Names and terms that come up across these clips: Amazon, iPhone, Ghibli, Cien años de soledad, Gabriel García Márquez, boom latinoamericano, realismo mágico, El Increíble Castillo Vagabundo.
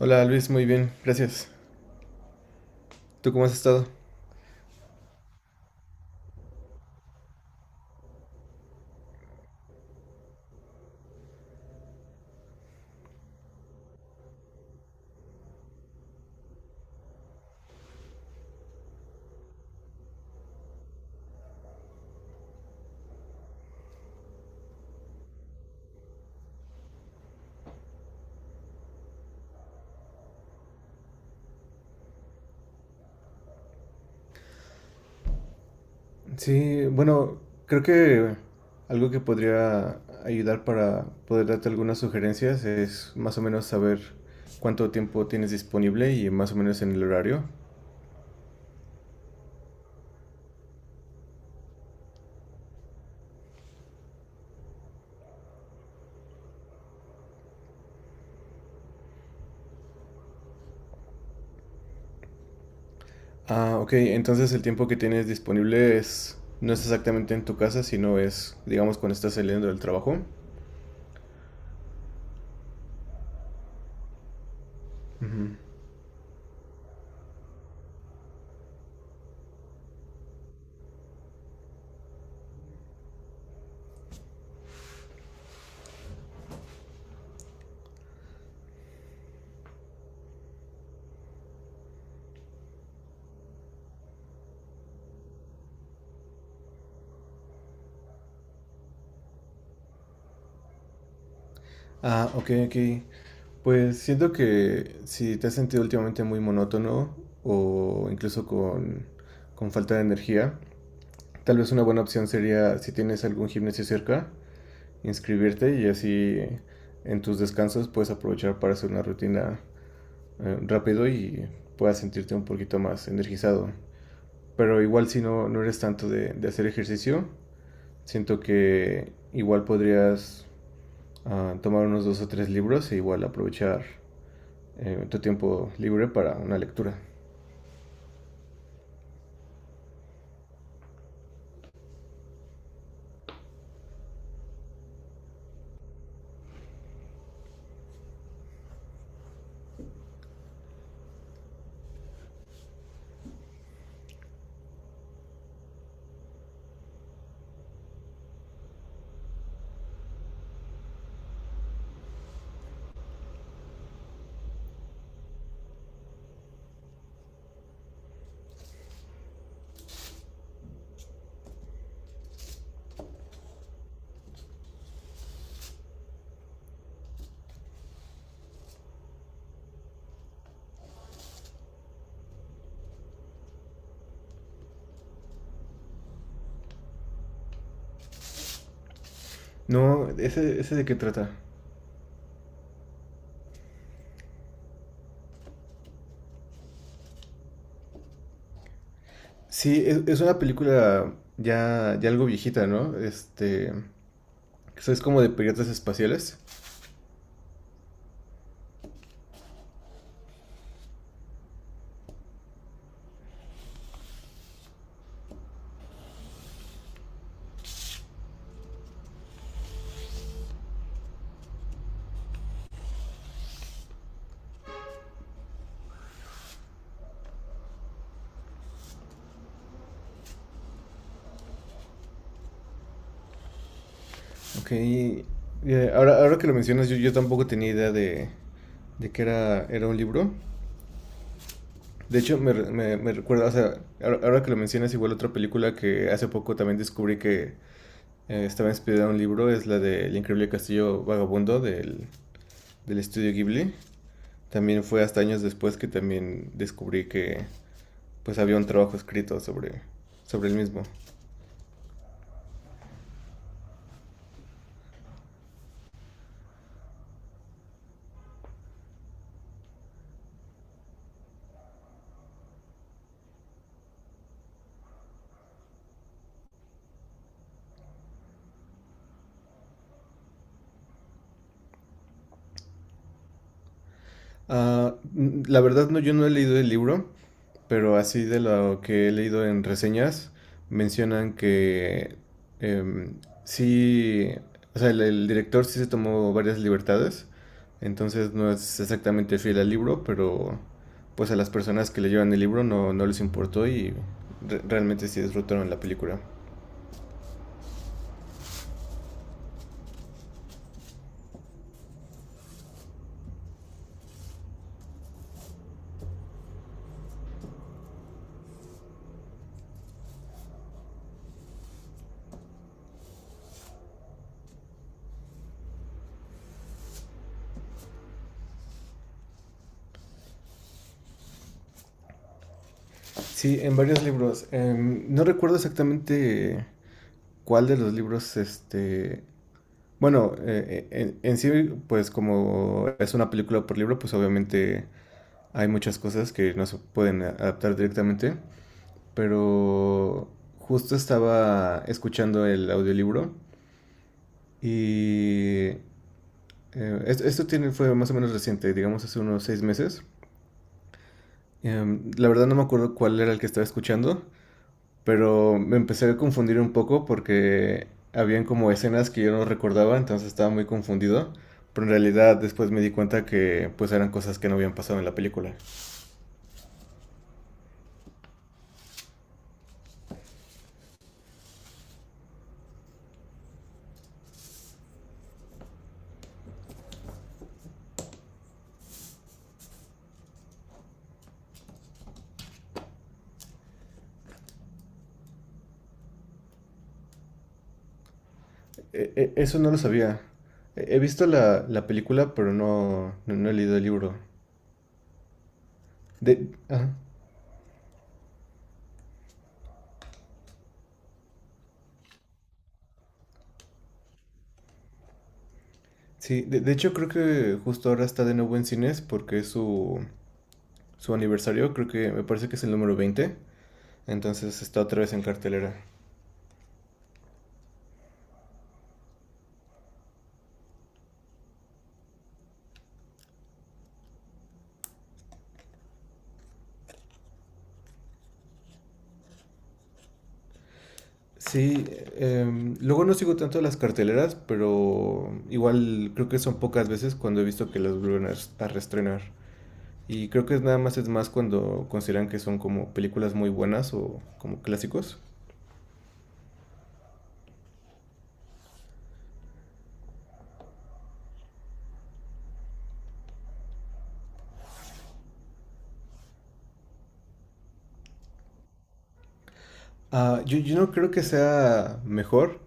Hola Luis, muy bien, gracias. ¿Tú cómo has estado? Sí, bueno, creo que algo que podría ayudar para poder darte algunas sugerencias es más o menos saber cuánto tiempo tienes disponible y más o menos en el horario. Ah, ok, entonces el tiempo que tienes disponible es no es exactamente en tu casa, sino es, digamos, cuando estás saliendo del trabajo. Ujú. Ah, ok, ok. Pues siento que si te has sentido últimamente muy monótono o incluso con falta de energía, tal vez una buena opción sería, si tienes algún gimnasio cerca, inscribirte y así en tus descansos puedes aprovechar para hacer una rutina rápido y puedas sentirte un poquito más energizado. Pero igual si no, no eres tanto de hacer ejercicio, siento que igual podrías tomar unos dos o tres libros e igual aprovechar tu tiempo libre para una lectura. No, ¿ese, ese de qué trata? Sí, es una película ya, ya algo viejita, ¿no? Este, que es como de piratas espaciales. Ok, ahora, ahora que lo mencionas, yo tampoco tenía idea de que era, era un libro. De hecho, me recuerda, o sea, ahora, ahora que lo mencionas, igual otra película que hace poco también descubrí que estaba inspirada en un libro, es la de El Increíble Castillo Vagabundo del, del estudio Ghibli. También fue hasta años después que también descubrí que pues había un trabajo escrito sobre, sobre el mismo. Ah, la verdad no, yo no he leído el libro, pero así de lo que he leído en reseñas, mencionan que em, sí, o sea, el director sí se tomó varias libertades, entonces no es exactamente fiel al libro, pero pues a las personas que leyeron el libro no, no les importó y realmente sí disfrutaron la película. Sí, en varios libros. No recuerdo exactamente cuál de los libros, este... Bueno, en sí, pues como es una película por libro, pues obviamente hay muchas cosas que no se pueden adaptar directamente, pero justo estaba escuchando el audiolibro y esto tiene, fue más o menos reciente, digamos hace unos 6 meses. La verdad no me acuerdo cuál era el que estaba escuchando, pero me empecé a confundir un poco porque habían como escenas que yo no recordaba, entonces estaba muy confundido. Pero en realidad después me di cuenta que pues eran cosas que no habían pasado en la película. Eso no lo sabía. He he visto la, la película, pero no, no, no he leído el libro. De, ajá. Sí, de hecho creo que justo ahora está de nuevo en cines porque es su, su aniversario, creo que me parece que es el número 20 entonces está otra vez en cartelera. Sí, luego no sigo tanto las carteleras, pero igual creo que son pocas veces cuando he visto que las vuelven a, a reestrenar. Y creo que es nada más es más cuando consideran que son como películas muy buenas o como clásicos. Ah, yo no creo que sea mejor,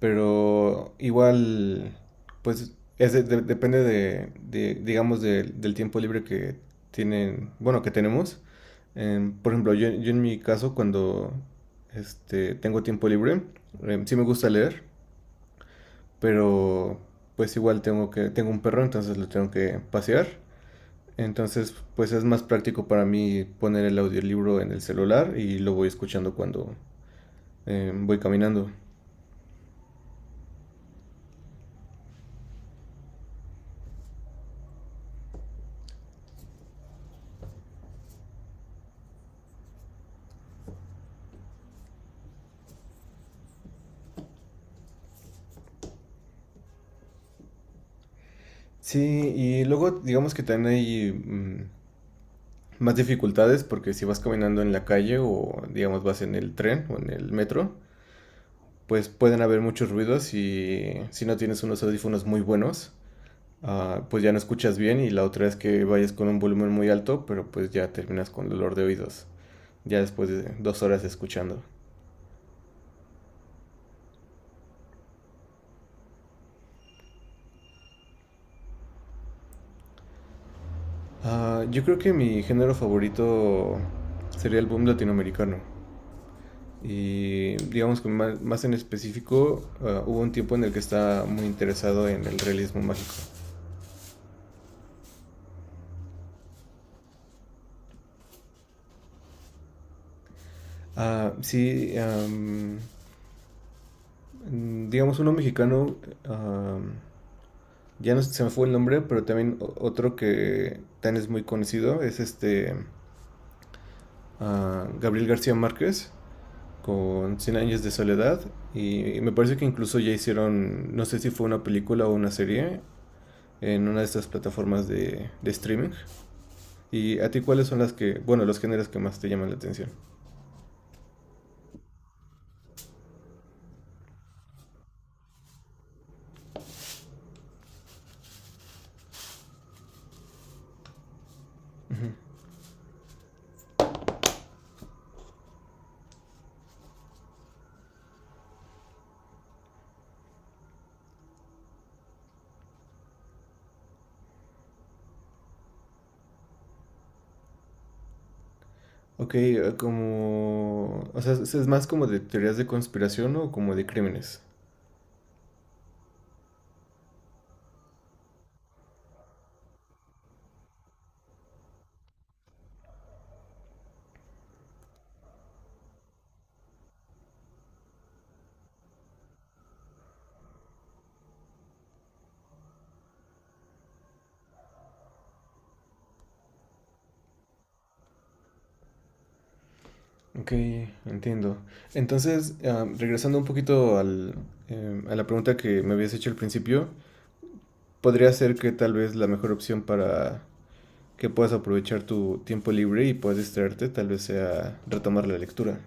pero igual, pues es depende de, digamos, del tiempo libre que tienen, bueno, que tenemos. Por ejemplo, yo en mi caso, cuando este, tengo tiempo libre, sí me gusta leer, pero pues igual tengo que, tengo un perro, entonces lo tengo que pasear. Entonces, pues es más práctico para mí poner el audiolibro en el celular y lo voy escuchando cuando voy caminando. Sí, y luego digamos que también hay más dificultades porque si vas caminando en la calle o digamos vas en el tren o en el metro, pues pueden haber muchos ruidos y si no tienes unos audífonos muy buenos, pues ya no escuchas bien y la otra es que vayas con un volumen muy alto, pero pues ya terminas con dolor de oídos, ya después de 2 horas escuchando. Ah, yo creo que mi género favorito sería el boom latinoamericano. Y digamos que más, más en específico, hubo un tiempo en el que estaba muy interesado en el realismo mágico. Ah, sí, digamos uno mexicano, um, ya no se me fue el nombre, pero también otro que también es muy conocido, es este Gabriel García Márquez con Cien años de soledad y, me parece que incluso ya hicieron, no sé si fue una película o una serie en una de estas plataformas de streaming. ¿Y a ti cuáles son las que, bueno, los géneros que más te llaman la atención? Ok, como... O sea, es más como de teorías de conspiración o como de crímenes? Ok, entiendo. Entonces, regresando un poquito al, a la pregunta que me habías hecho al principio, podría ser que tal vez la mejor opción para que puedas aprovechar tu tiempo libre y puedas distraerte, tal vez sea retomar la lectura.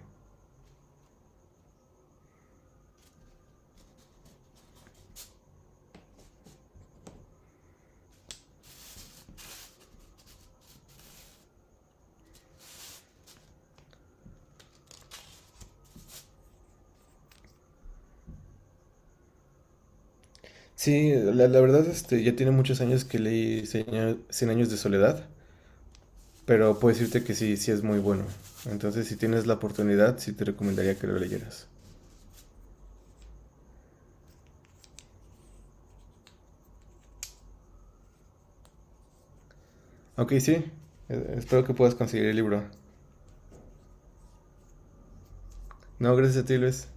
Sí, la verdad, este, ya tiene muchos años que leí Cien años de soledad. Pero puedo decirte que sí, sí es muy bueno. Entonces, si tienes la oportunidad, sí te recomendaría que lo leyeras. Ok, sí. Espero que puedas conseguir el libro. No, gracias a ti, Luis.